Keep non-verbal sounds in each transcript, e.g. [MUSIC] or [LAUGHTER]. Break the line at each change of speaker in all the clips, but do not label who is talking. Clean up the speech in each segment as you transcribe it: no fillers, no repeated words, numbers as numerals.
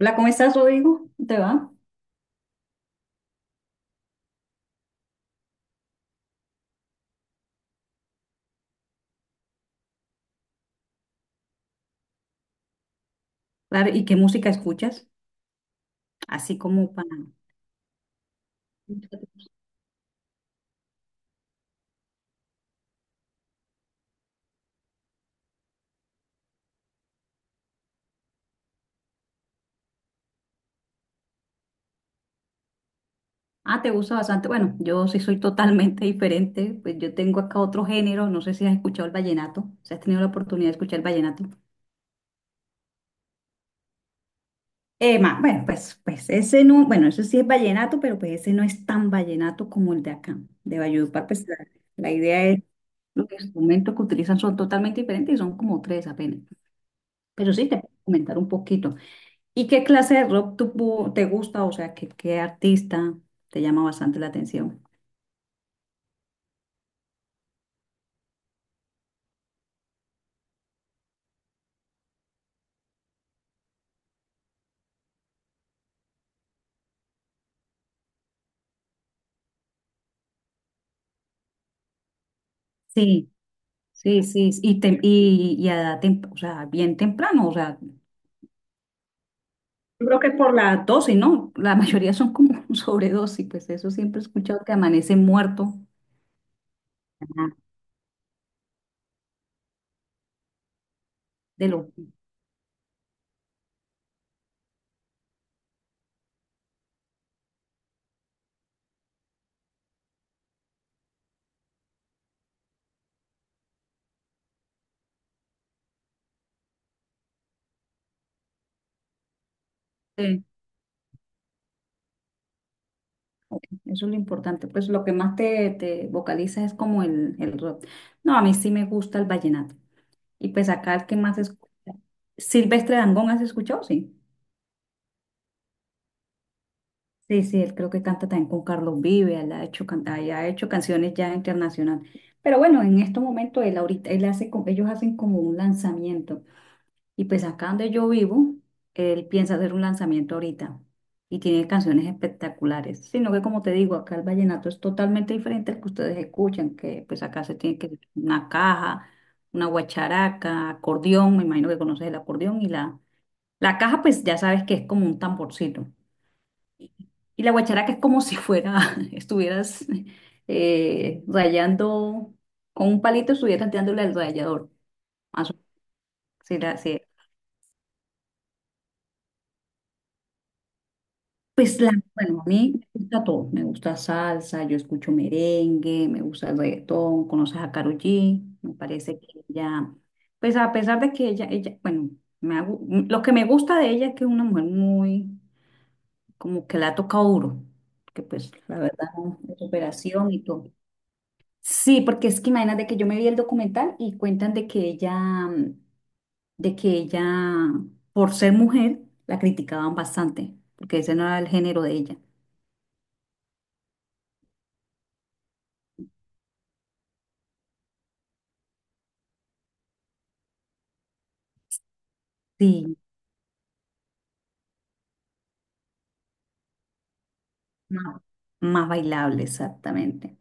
Hola, ¿cómo estás, Rodrigo? ¿Cómo te va? Claro, ¿y qué música escuchas? Así como para... Ah, te gusta bastante. Bueno, yo sí soy totalmente [LAUGHS] diferente. Pues yo tengo acá otro género. No sé si has escuchado el vallenato. Si has tenido la oportunidad de escuchar el vallenato. Ma, bueno, pues ese no... Bueno, eso sí es vallenato, pero pues ese no es tan vallenato como el de acá, de Valledupar. Pues la idea es... Los instrumentos que utilizan son totalmente diferentes y son como tres apenas. Pero sí, te puedo comentar un poquito. ¿Y qué clase de rock tú te gusta? O sea, ¿qué artista te llama bastante la atención? Sí, sí, sí. Y a edad tem- o sea, bien temprano, o sea, yo creo que por la dosis, ¿no? La mayoría son como [LAUGHS] sobredosis, pues eso siempre he escuchado que amanece muerto. Ajá. De lo, sí, ok, eso es lo importante. Pues lo que más te vocaliza es como el rock. No, a mí sí me gusta el vallenato. Y pues acá el que más escucha. Silvestre Dangond, ¿has escuchado? Sí. Sí, sí, él creo que canta también con Carlos Vives, él ha hecho, can- ah, ya ha hecho canciones ya internacional. Pero bueno, en estos momentos él ahorita, él hace, co- ellos hacen como un lanzamiento. Y pues acá donde yo vivo, él piensa hacer un lanzamiento ahorita. Y tiene canciones espectaculares. Sino que como te digo, acá el vallenato es totalmente diferente al que ustedes escuchan, que pues acá se tiene que una caja, una guacharaca, acordeón, me imagino que conoces el acordeón y la caja pues ya sabes que es como un tamborcito. Y la guacharaca es como si fuera, [LAUGHS] estuvieras rayando, con un palito estuvieras dándole al rallador. Más o- sí, la- sí. Pues la, bueno, a mí me gusta todo. Me gusta salsa, yo escucho merengue, me gusta el reggaetón, conoces a Karol G. Me parece que ella, pues a pesar de que ella, bueno, me ha gu- lo que me gusta de ella es que es una mujer muy, como que la ha tocado duro, que pues la verdad, de superación y todo. Sí, porque es que imagínate que yo me vi el documental y cuentan de que ella, de que ella, por ser mujer, la criticaban bastante, porque ese no era el género de ella. Sí, más, más bailable, exactamente.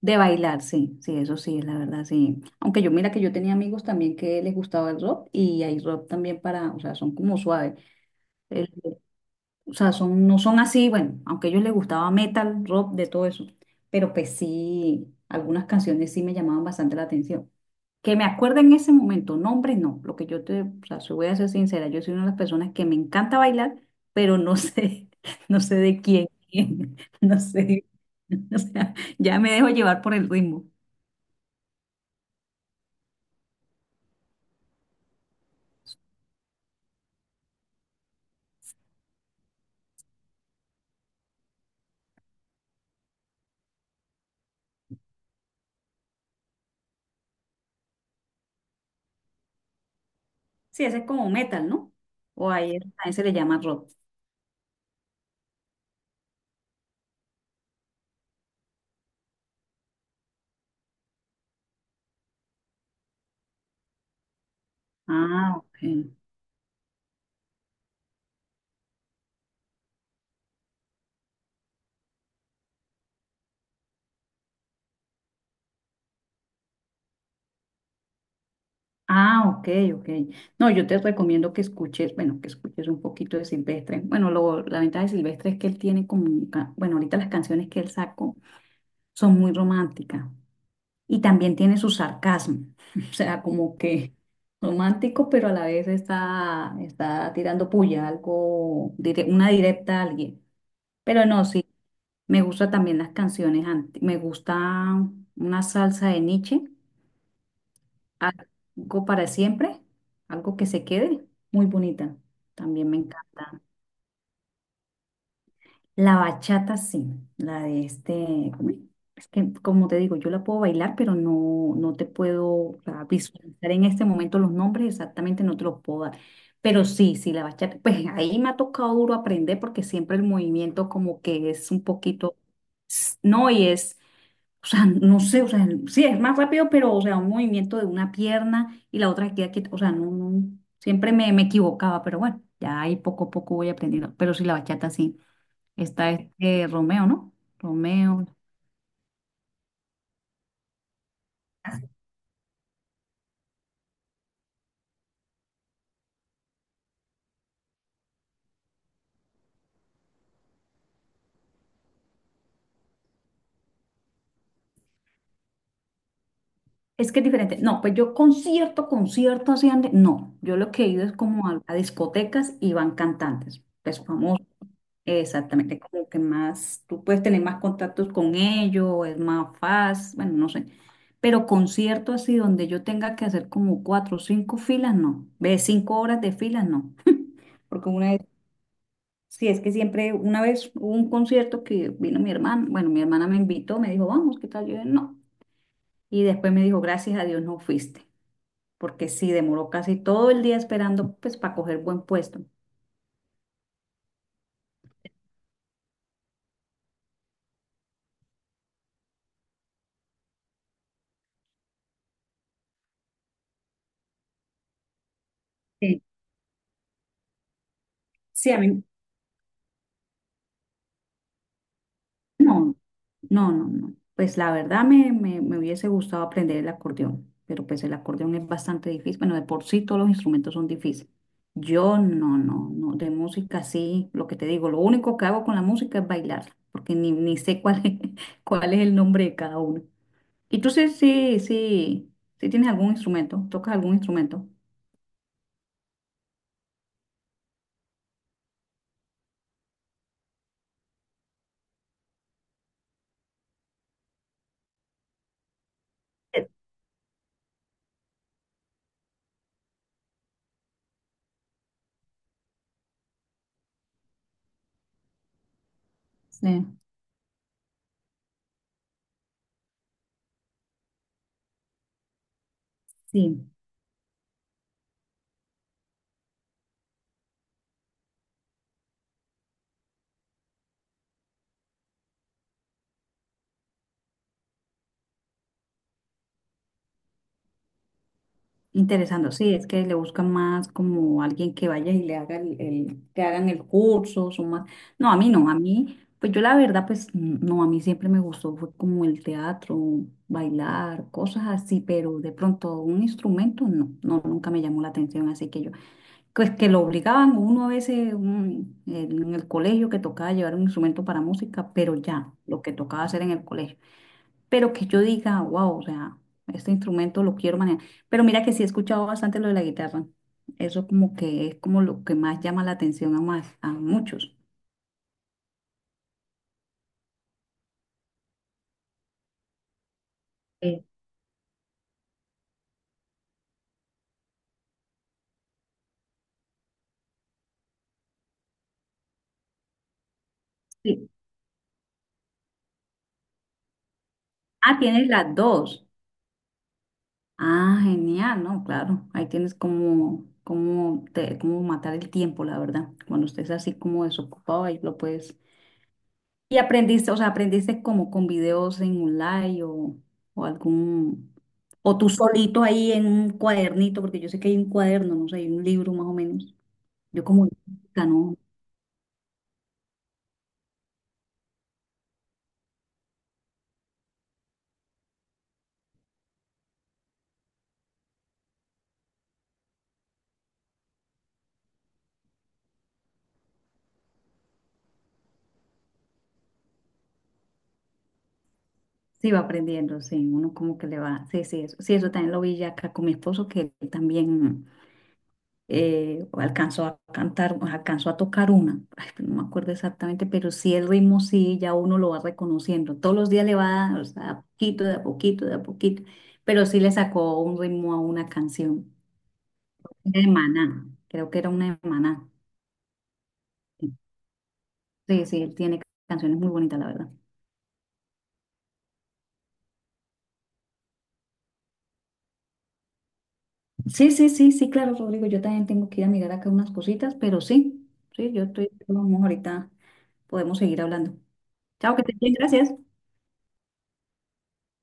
De bailar, sí, sí, eso sí, es la verdad, sí. Aunque yo mira que yo tenía amigos también que les gustaba el rock y hay rock también para, o sea, son como suaves. O sea, son, no son así, bueno, aunque a ellos les gustaba metal, rock, de todo eso. Pero pues sí, algunas canciones sí me llamaban bastante la atención. Que me acuerde en ese momento, nombres no. Lo que yo te, o sea, se- voy a ser sincera, yo soy una de las personas que me encanta bailar, pero no sé, [LAUGHS] no sé de quién, [LAUGHS] no sé. [LAUGHS] O sea, ya me dejo llevar por el ritmo. Sí, ese es como metal, ¿no? O ahí es- a ese le llama rock. Ah, ok. Ah, ok, ok. No, yo te recomiendo que escuches, bueno, que escuches un poquito de Silvestre. Bueno, lo, la ventaja de Silvestre es que él tiene como, un ca- bueno, ahorita las canciones que él sacó son muy románticas y también tiene su sarcasmo, [LAUGHS] o sea, como que romántico, pero a la vez está, está tirando puya, algo, dire- una directa a alguien. Pero no, sí, me gustan también las canciones, ant- me gusta una salsa de Nietzsche. Algo para siempre, algo que se quede, muy bonita. También me encanta. La bachata, sí, la de este, ¿cómo es? Es que como te digo, yo la puedo bailar, pero no, no te puedo o sea, visualizar en este momento los nombres exactamente, no te los puedo dar. Pero sí, sí, la bachata, pues ahí me ha tocado duro aprender porque siempre el movimiento como que es un poquito, no, y es o sea, no sé, o sea, sí, es más rápido, pero, o sea, un movimiento de una pierna y la otra que queda quieta. O sea, no, no, siempre me equivocaba, pero bueno, ya ahí poco a poco voy aprendiendo. Pero sí, la bachata sí. Está este Romeo, ¿no? Romeo. Es que es diferente. No, pues yo concierto, concierto así ande. No, yo lo que he ido es como a discotecas y van cantantes, pues famosos. Exactamente, como que más, tú puedes tener más contactos con ellos, es más fácil, bueno, no sé. Pero concierto así donde yo tenga que hacer como cuatro o cinco filas, no. Ve, cinco horas de filas, no. Porque una vez, sí, es que siempre, una vez hubo un concierto que vino mi hermana, bueno, mi hermana me invitó, me dijo, vamos, ¿qué tal? Yo dije, no. Y después me dijo, gracias a Dios no fuiste, porque sí, demoró casi todo el día esperando, pues, para coger buen puesto. Sí, sí, a mí, no, no, no, no. Pues la verdad me hubiese gustado aprender el acordeón, pero pues el acordeón es bastante difícil. Bueno, de por sí todos los instrumentos son difíciles. Yo no, no, no. De música sí, lo que te digo, lo único que hago con la música es bailar, porque ni sé cuál es, [LAUGHS] cuál es el nombre de cada uno. ¿Y tú sí, sí, sí, sí tienes algún instrumento? ¿Tocas algún instrumento? Eh, Sí. Sí. Interesando, sí, es que le buscan más como alguien que vaya y le haga el- que hagan el curso, son más. No, a mí no, a mí, pues yo la verdad, pues n- no, a mí siempre me gustó, fue como el teatro, bailar, cosas así, pero de pronto un instrumento no, no, nunca me llamó la atención, así que yo, pues que lo obligaban uno a veces un- en el colegio que tocaba llevar un instrumento para música, pero ya, lo que tocaba hacer en el colegio pero que yo diga, wow, o sea, este instrumento lo quiero manejar. Pero mira que sí he escuchado bastante lo de la guitarra. Eso como que es como lo que más llama la atención a más, a muchos. Eh, Sí. Ah, tienes las dos. Ah, genial, ¿no? Claro, ahí tienes como, como, te, como matar el tiempo, la verdad. Cuando estés así como desocupado, ahí lo puedes. ¿Y aprendiste, o sea, aprendiste como con videos en online o algún, o tú solito ahí en un cuadernito, porque yo sé que hay un cuaderno, no sé, hay un libro más o menos. Yo como, ya ¿no? Sí, va aprendiendo, sí, uno como que le va, sí, sí, eso también lo vi ya acá con mi esposo, que él también alcanzó a cantar, alcanzó a tocar una, ay, pero no me acuerdo exactamente, pero sí el ritmo sí, ya uno lo va reconociendo, todos los días le va, o sea, a poquito, de a poquito, de a poquito, pero sí le sacó un ritmo a una canción, de Maná, creo que era una de Maná. Sí, sí, él tiene canciones muy bonitas, la verdad. Sí, sí, sí, sí, claro, Rodrigo, yo también tengo que ir a mirar acá unas cositas, pero sí, sí, yo estoy, vamos, ahorita podemos seguir hablando. Chao, que te bien, gracias.